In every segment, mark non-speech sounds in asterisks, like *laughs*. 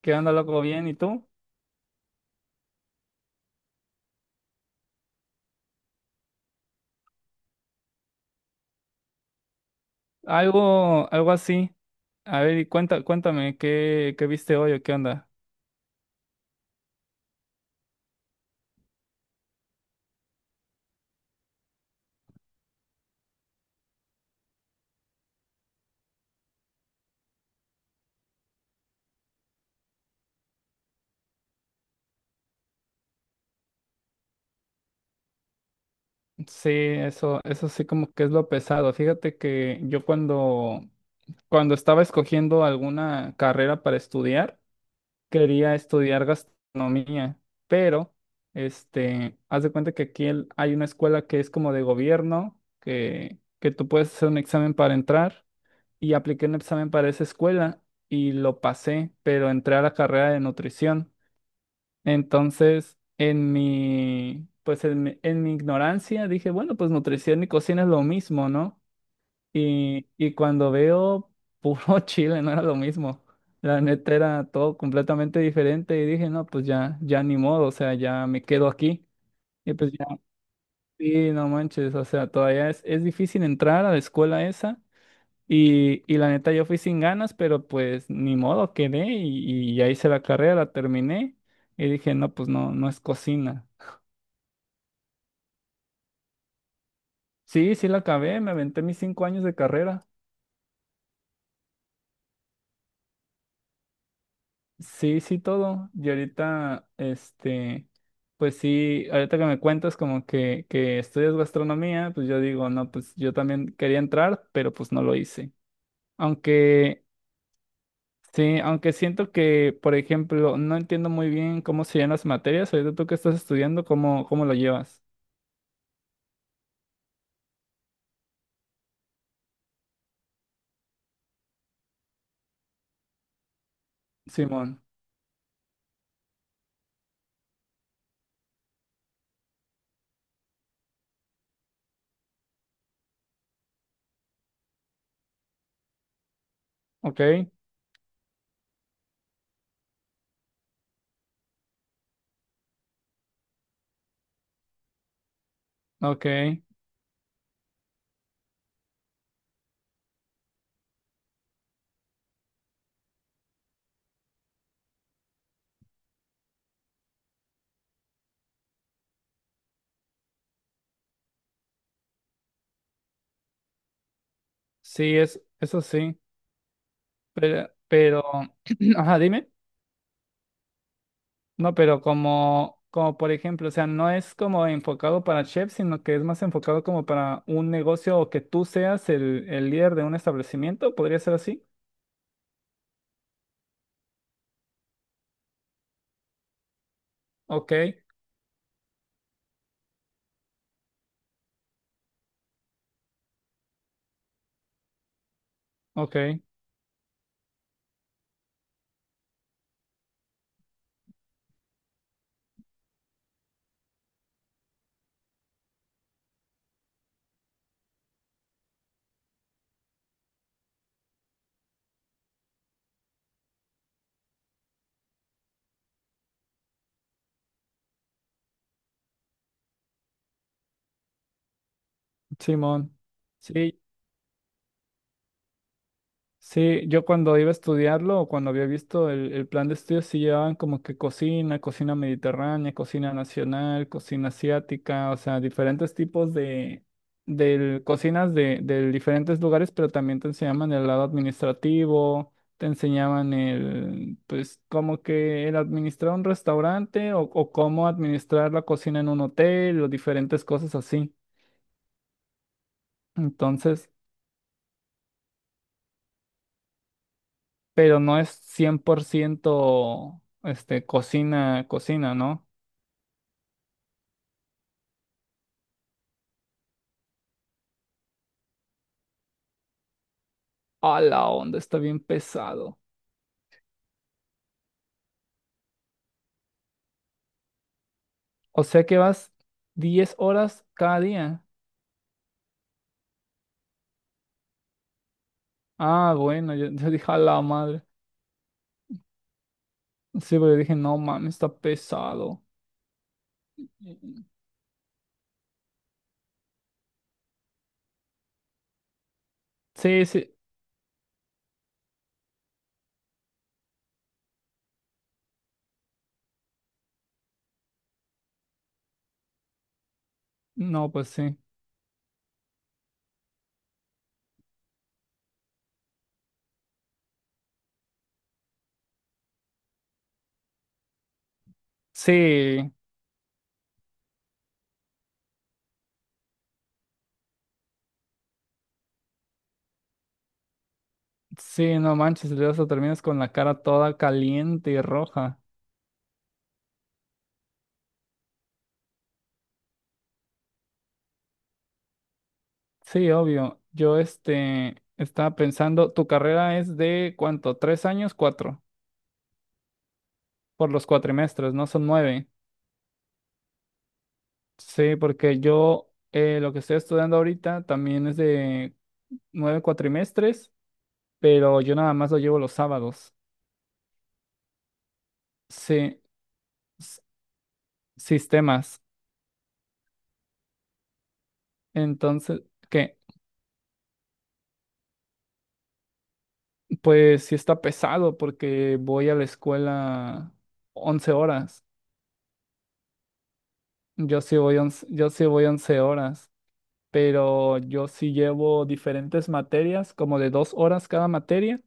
¿Qué onda, loco? Bien, ¿y tú? Algo así. A ver, y cuéntame, ¿ qué viste hoy o qué onda? Sí, eso sí como que es lo pesado. Fíjate que yo cuando estaba escogiendo alguna carrera para estudiar, quería estudiar gastronomía, pero, haz de cuenta que hay una escuela que es como de gobierno, que tú puedes hacer un examen para entrar y apliqué un examen para esa escuela y lo pasé, pero entré a la carrera de nutrición. Entonces, pues en mi ignorancia dije, bueno, pues nutrición y cocina es lo mismo, ¿no? Y cuando veo puro *laughs* chile, no era lo mismo. La neta era todo completamente diferente y dije, no, pues ya, ya ni modo, o sea, ya me quedo aquí. Y pues ya, sí, no manches, o sea, todavía es difícil entrar a la escuela esa. Y la neta yo fui sin ganas, pero pues ni modo, quedé y ya hice la carrera, la terminé y dije, no, pues no, no es cocina. Sí, sí la acabé, me aventé mis 5 años de carrera. Sí, sí todo. Y ahorita, pues sí, ahorita que me cuentas como que estudias gastronomía, pues yo digo, no, pues yo también quería entrar, pero pues no lo hice. Aunque sí, aunque siento que, por ejemplo, no entiendo muy bien cómo serían las materias. Ahorita tú que estás estudiando, ¿ cómo lo llevas, Simón? Ok, ok. Sí, eso sí. Pero, *clears throat* ajá, dime. No, pero como por ejemplo, o sea, no es como enfocado para chefs, sino que es más enfocado como para un negocio o que tú seas el líder de un establecimiento. ¿Podría ser así? Ok, ok, Simón. Sí. Sí, yo cuando iba a estudiarlo o cuando había visto el plan de estudios, sí llevaban como que cocina, cocina mediterránea, cocina nacional, cocina asiática, o sea, diferentes tipos de cocinas de diferentes lugares, pero también te enseñaban el lado administrativo, te enseñaban el, pues, como que el administrar un restaurante o cómo administrar la cocina en un hotel o diferentes cosas así. Entonces... pero no es 100% cocina, cocina, ¿no? A la onda, está bien pesado. O sea que vas 10 horas cada día. Ah, bueno, yo dije a la madre. Sí, pero dije, no mames, está pesado. Sí, sí, no, pues sí. Sí, sí, no manches, luego hasta terminas con la cara toda caliente y roja. Sí, obvio. Yo estaba pensando, ¿tu carrera es de cuánto? ¿Tres años? ¿Cuatro? Por los cuatrimestres, ¿no? Son 9. Sí, porque yo lo que estoy estudiando ahorita también es de 9 cuatrimestres, pero yo nada más lo llevo los sábados. Sí, s- sistemas. Entonces, ¿qué? Pues sí está pesado porque voy a la escuela 11 horas. Yo sí voy 11 horas, pero yo sí llevo diferentes materias, como de 2 horas cada materia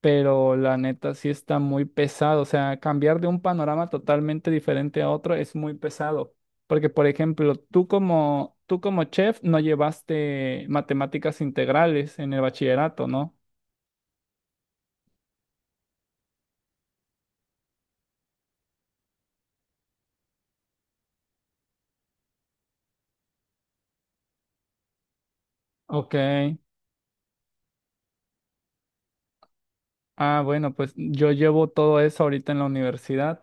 pero la neta sí está muy pesado. O sea, cambiar de un panorama totalmente diferente a otro es muy pesado. Porque, por ejemplo, tú como chef no llevaste matemáticas integrales en el bachillerato, ¿no? Ok. Ah, bueno, pues yo llevo todo eso ahorita en la universidad.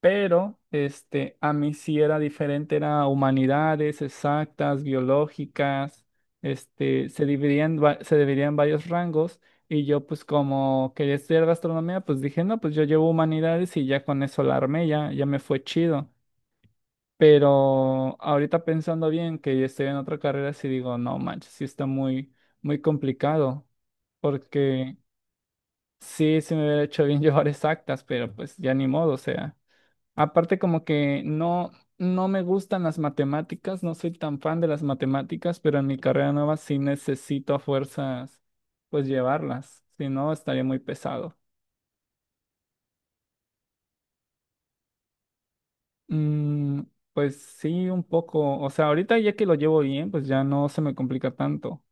Pero a mí sí era diferente, era humanidades, exactas, biológicas, se dividían, se dividían varios rangos y yo pues como quería estudiar gastronomía, pues dije, no, pues yo llevo humanidades y ya con eso la armé, ya, ya me fue chido. Pero ahorita pensando bien que yo estoy en otra carrera, sí digo, no manches, sí está muy, muy complicado, porque sí, sí me hubiera hecho bien *laughs* llevar exactas, pero pues ya ni modo, o sea. Aparte, como que no, no me gustan las matemáticas, no soy tan fan de las matemáticas, pero en mi carrera nueva sí necesito a fuerzas, pues llevarlas, si no estaría muy pesado. Mm, pues sí, un poco, o sea, ahorita ya que lo llevo bien, pues ya no se me complica tanto,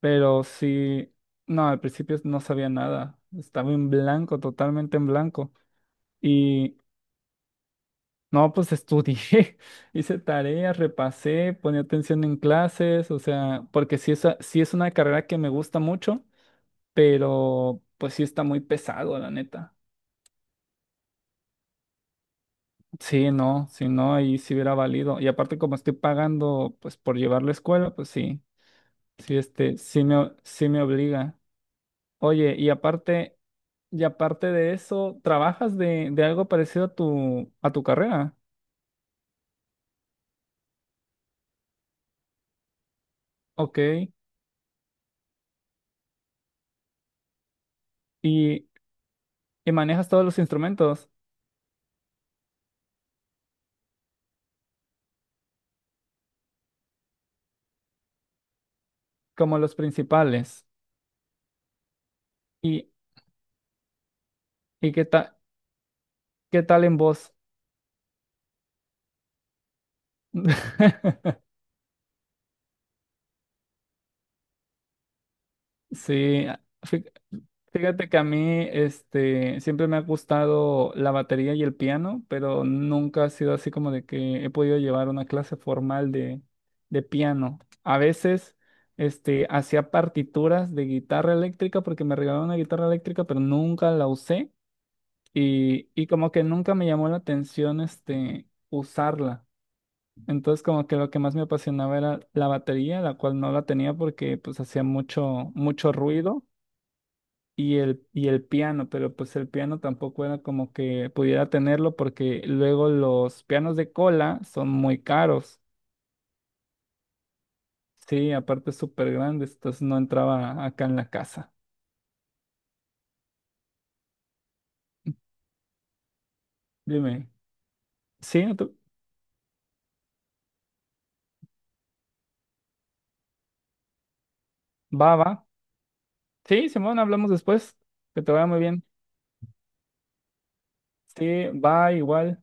pero sí, no, al principio no sabía nada, estaba en blanco, totalmente en blanco. Y no, pues estudié, *laughs* hice tareas, repasé, ponía atención en clases, o sea, porque sí sí es una carrera que me gusta mucho, pero pues sí está muy pesado, la neta. Sí, no, si no, ahí sí hubiera valido. Y aparte como estoy pagando, pues por llevar la escuela, pues sí, sí, sí sí me obliga. Oye, y aparte de eso, ¿trabajas de algo parecido a tu carrera? Ok, y, y manejas todos los instrumentos. Como los principales. ¿Y, y qué tal, qué tal en vos? *laughs* Sí, fí- fíjate que a mí siempre me ha gustado la batería y el piano, pero nunca ha sido así como de que he podido llevar una clase formal de piano. A veces hacía partituras de guitarra eléctrica porque me regalaron una guitarra eléctrica, pero nunca la usé y como que nunca me llamó la atención usarla. Entonces como que lo que más me apasionaba era la batería, la cual no la tenía porque pues hacía mucho, mucho ruido y el piano, pero pues el piano tampoco era como que pudiera tenerlo porque luego los pianos de cola son muy caros. Sí, aparte súper grandes, entonces no entraba acá en la casa. Dime, sí, no te- va, va. Sí, Simón, hablamos después. Que te vaya muy bien. Sí, va igual.